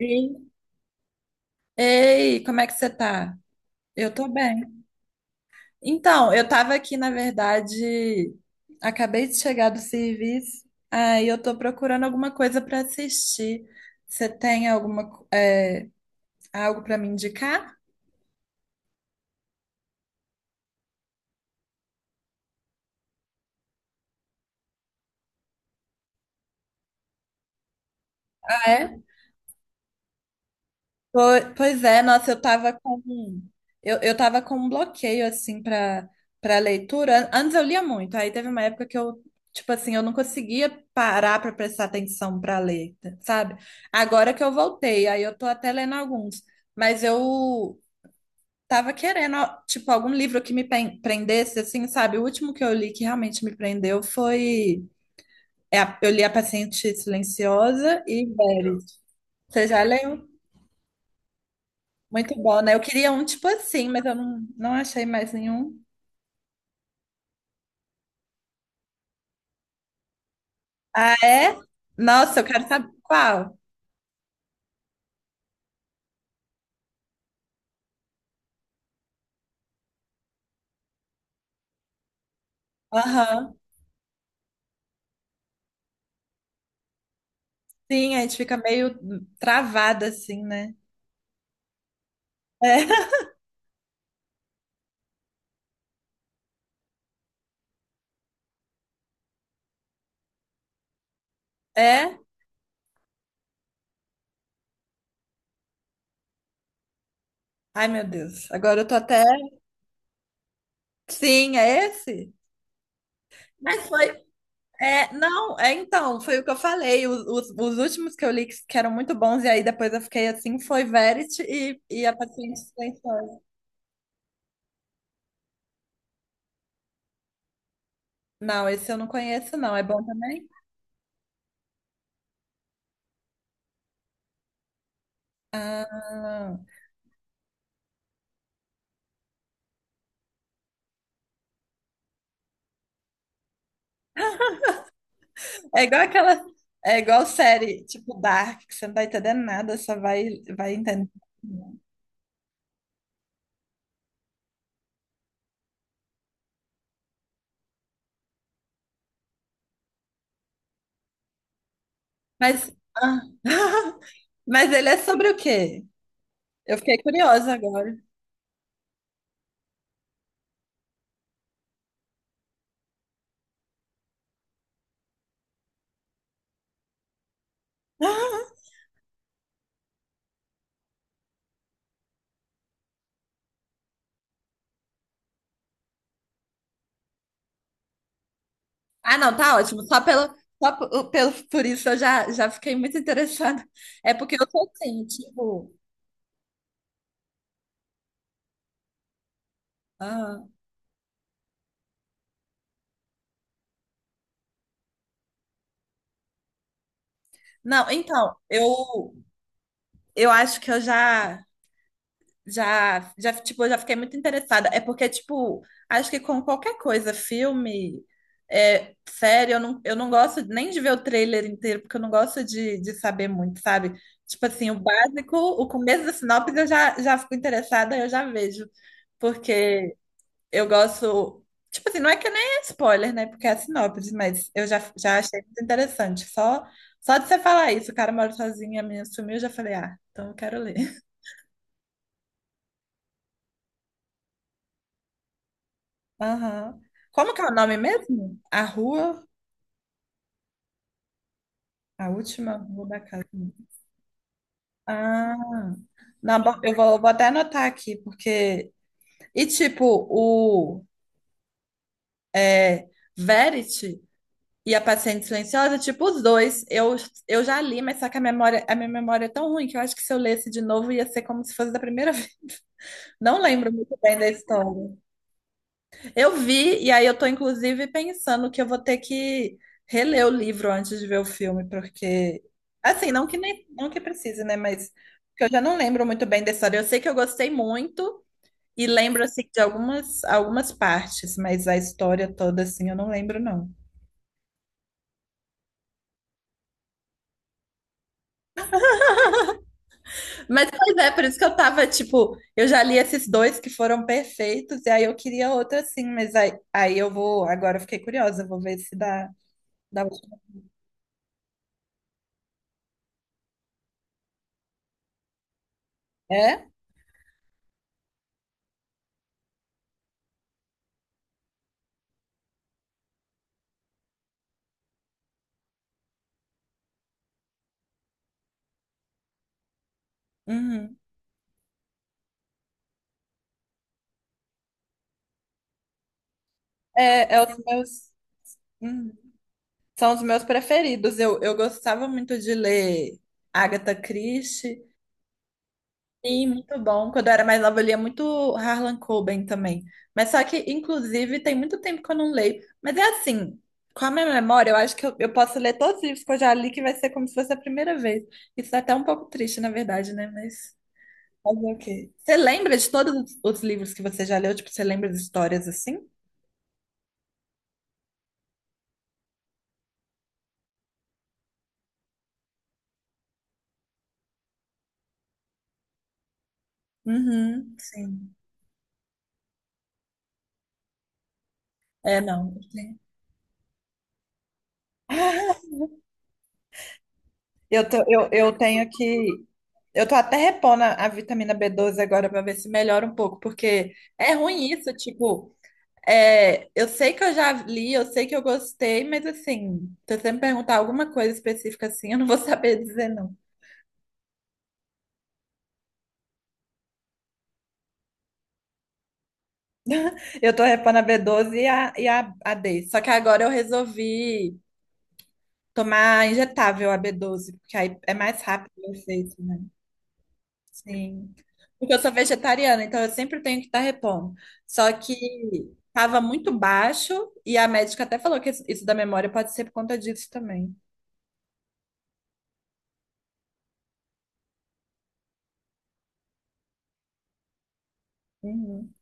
Sim. Ei, como é que você tá? Eu tô bem. Então, eu tava aqui, na verdade, acabei de chegar do serviço, aí eu tô procurando alguma coisa pra assistir. Você tem alguma, algo pra me indicar? Ah, é? Pois é, nossa, eu tava com um, eu tava com um bloqueio assim para leitura. Antes eu lia muito, aí teve uma época que eu, tipo assim, eu não conseguia parar para prestar atenção para ler, sabe? Agora que eu voltei, aí eu tô até lendo alguns, mas eu tava querendo tipo algum livro que me prendesse assim, sabe? O último que eu li que realmente me prendeu foi, eu li A Paciente Silenciosa e Veres. Você já leu? Muito bom, né? Eu queria um tipo assim, mas eu não achei mais nenhum. Ah, é? Nossa, eu quero saber qual. Aham. Sim, a gente fica meio travada assim, né? É? É? Ai, meu Deus. Agora eu tô até. Sim, é esse? Mas foi. É, não, é então, foi o que eu falei. Os últimos que eu li que eram muito bons, e aí depois eu fiquei assim, foi Verity e a Paciente Silenciosa. Não, esse eu não conheço, não. É bom também? Ah. É igual aquela. É igual série, tipo Dark, que você não tá entendendo nada, só vai entender. Mas. Ah, mas ele é sobre o quê? Eu fiquei curiosa agora. Ah, não, tá ótimo. Só pelo, só po- pelo, Por isso eu já fiquei muito interessada. É porque eu tô assim, tipo. Ah. Não, então, eu acho que eu já. Já, tipo, eu já fiquei muito interessada. É porque, tipo, acho que com qualquer coisa, filme, é, série, eu não gosto nem de ver o trailer inteiro, porque eu não gosto de saber muito, sabe? Tipo assim, o básico, o começo da sinopse eu já fico interessada, eu já vejo. Porque eu gosto. Tipo assim, não é que nem é spoiler, né? Porque é a sinopse, mas eu já achei muito interessante. Só de você falar isso, o cara mora sozinho, a menina sumiu, eu já falei, ah, então eu quero ler. Aham. Como que é o nome mesmo? A rua, a última rua da casa. Ah, não, eu vou até anotar aqui, porque. E tipo, o, é, Verity e a Paciente Silenciosa, tipo, os dois, eu já li, mas só que a memória, a minha memória é tão ruim que eu acho que se eu lesse de novo ia ser como se fosse da primeira vez. Não lembro muito bem da história. Eu vi, e aí eu tô inclusive pensando que eu vou ter que reler o livro antes de ver o filme, porque assim, não que nem, não que precise, né, mas porque eu já não lembro muito bem da história. Eu sei que eu gostei muito e lembro assim de algumas partes, mas a história toda assim eu não lembro não. Mas pois é, por isso que eu tava tipo, eu já li esses dois que foram perfeitos e aí eu queria outro assim, mas aí eu vou, agora eu fiquei curiosa, eu vou ver se dá. É? Uhum. É, é os meus. Hum, São os meus preferidos. Eu gostava muito de ler Agatha Christie. E muito bom. Quando eu era mais nova, eu lia muito Harlan Coben também. Mas só que, inclusive, tem muito tempo que eu não leio. Mas é assim, com a minha memória, eu acho que eu posso ler todos os livros que eu já li, que vai ser como se fosse a primeira vez. Isso é até um pouco triste, na verdade, né? Mas fazer o quê? Você lembra de todos os livros que você já leu? Tipo, você lembra de histórias assim? Uhum, sim. É, não. Sim. Eu tenho que. Eu tô até repondo a vitamina B12 agora para ver se melhora um pouco, porque é ruim isso, tipo, é, eu sei que eu já li, eu sei que eu gostei, mas assim, se você me perguntar alguma coisa específica assim, eu não vou saber dizer não. Eu tô repondo a B12 e a D. Só que agora eu resolvi tomar injetável a B12 porque aí é mais rápido o efeito, né? Sim. Porque eu sou vegetariana, então eu sempre tenho que estar repondo. Só que estava muito baixo e a médica até falou que isso da memória pode ser por conta disso também. Uhum.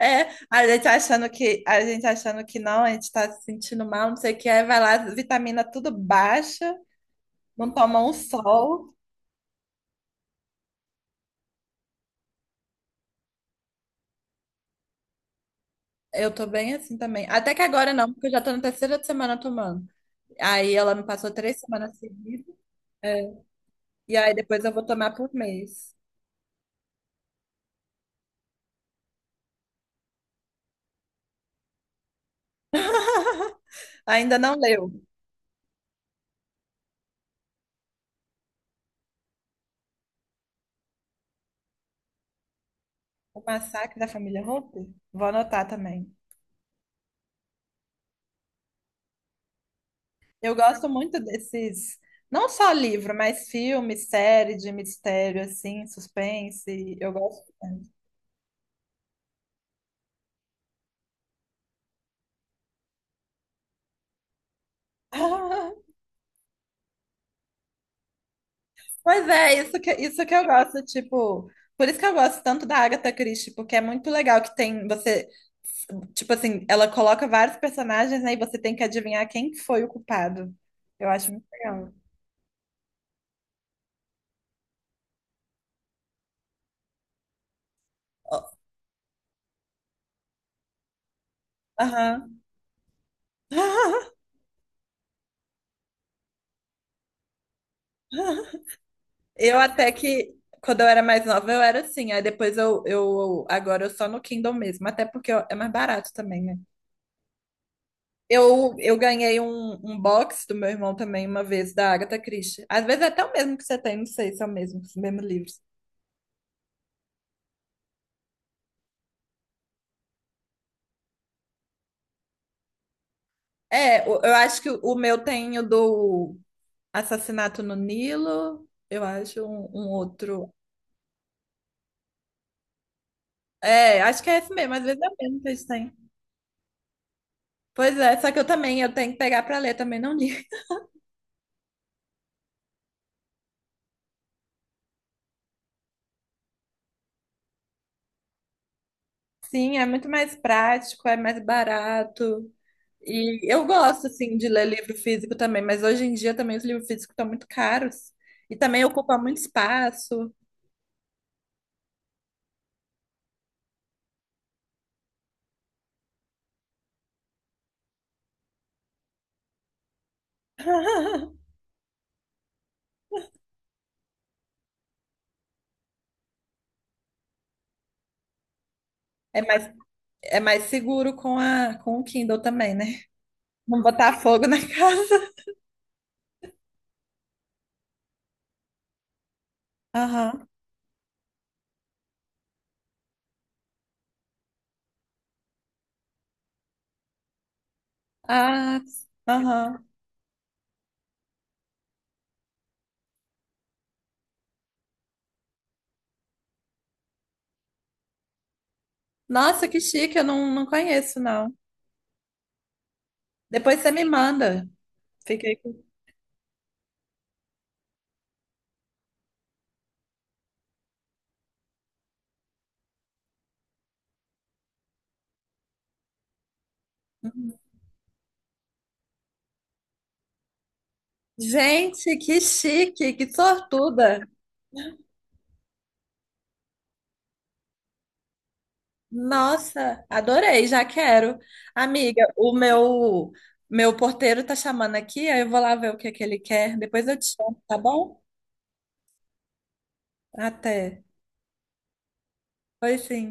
É, a gente achando que a gente achando que não, a gente está se sentindo mal, não sei o que, aí vai lá, vitamina tudo baixa, não toma um sol. Eu tô bem assim também. Até que agora não, porque eu já tô na terceira semana tomando. Aí ela me passou três semanas seguidas, é, e aí depois eu vou tomar por mês. Ainda não leu. O Massacre da Família Hopper? Vou anotar também. Eu gosto muito desses, não só livro, mas filme, série de mistério, assim, suspense. Eu gosto bastante. Ah, pois é, isso que eu gosto, tipo, por isso que eu gosto tanto da Agatha Christie, porque é muito legal que tem você, tipo assim, ela coloca vários personagens, né, e você tem que adivinhar quem que foi o culpado. Eu acho muito legal. Ó, aham. Eu até que, quando eu era mais nova, eu era assim. Aí depois eu agora eu só no Kindle mesmo, até porque eu- é mais barato também, né? Eu ganhei um box do meu irmão também uma vez, da Agatha Christie. Às vezes é até o mesmo que você tem, não sei se é o mesmo, os mesmos livros. É, o- eu acho que o meu tem o do Assassinato no Nilo, eu acho um outro. É, acho que é esse mesmo, às vezes é o mesmo que eles têm. Pois é, só que eu também, eu tenho que pegar pra ler, também não li. Sim, é muito mais prático, é mais barato. E eu gosto, assim, de ler livro físico também, mas hoje em dia também os livros físicos estão muito caros. E também ocupam muito espaço. É mais, é mais seguro com o Kindle também, né? Não botar fogo na casa. Aham. Ah, aham. Nossa, que chique, eu não conheço, não. Depois você me manda. Fiquei com... Uhum. Gente, que chique, que sortuda. Nossa, adorei, já quero. Amiga, o meu porteiro tá chamando aqui, aí eu vou lá ver o que é que ele quer. Depois eu te chamo, tá bom? Até. Pois sim.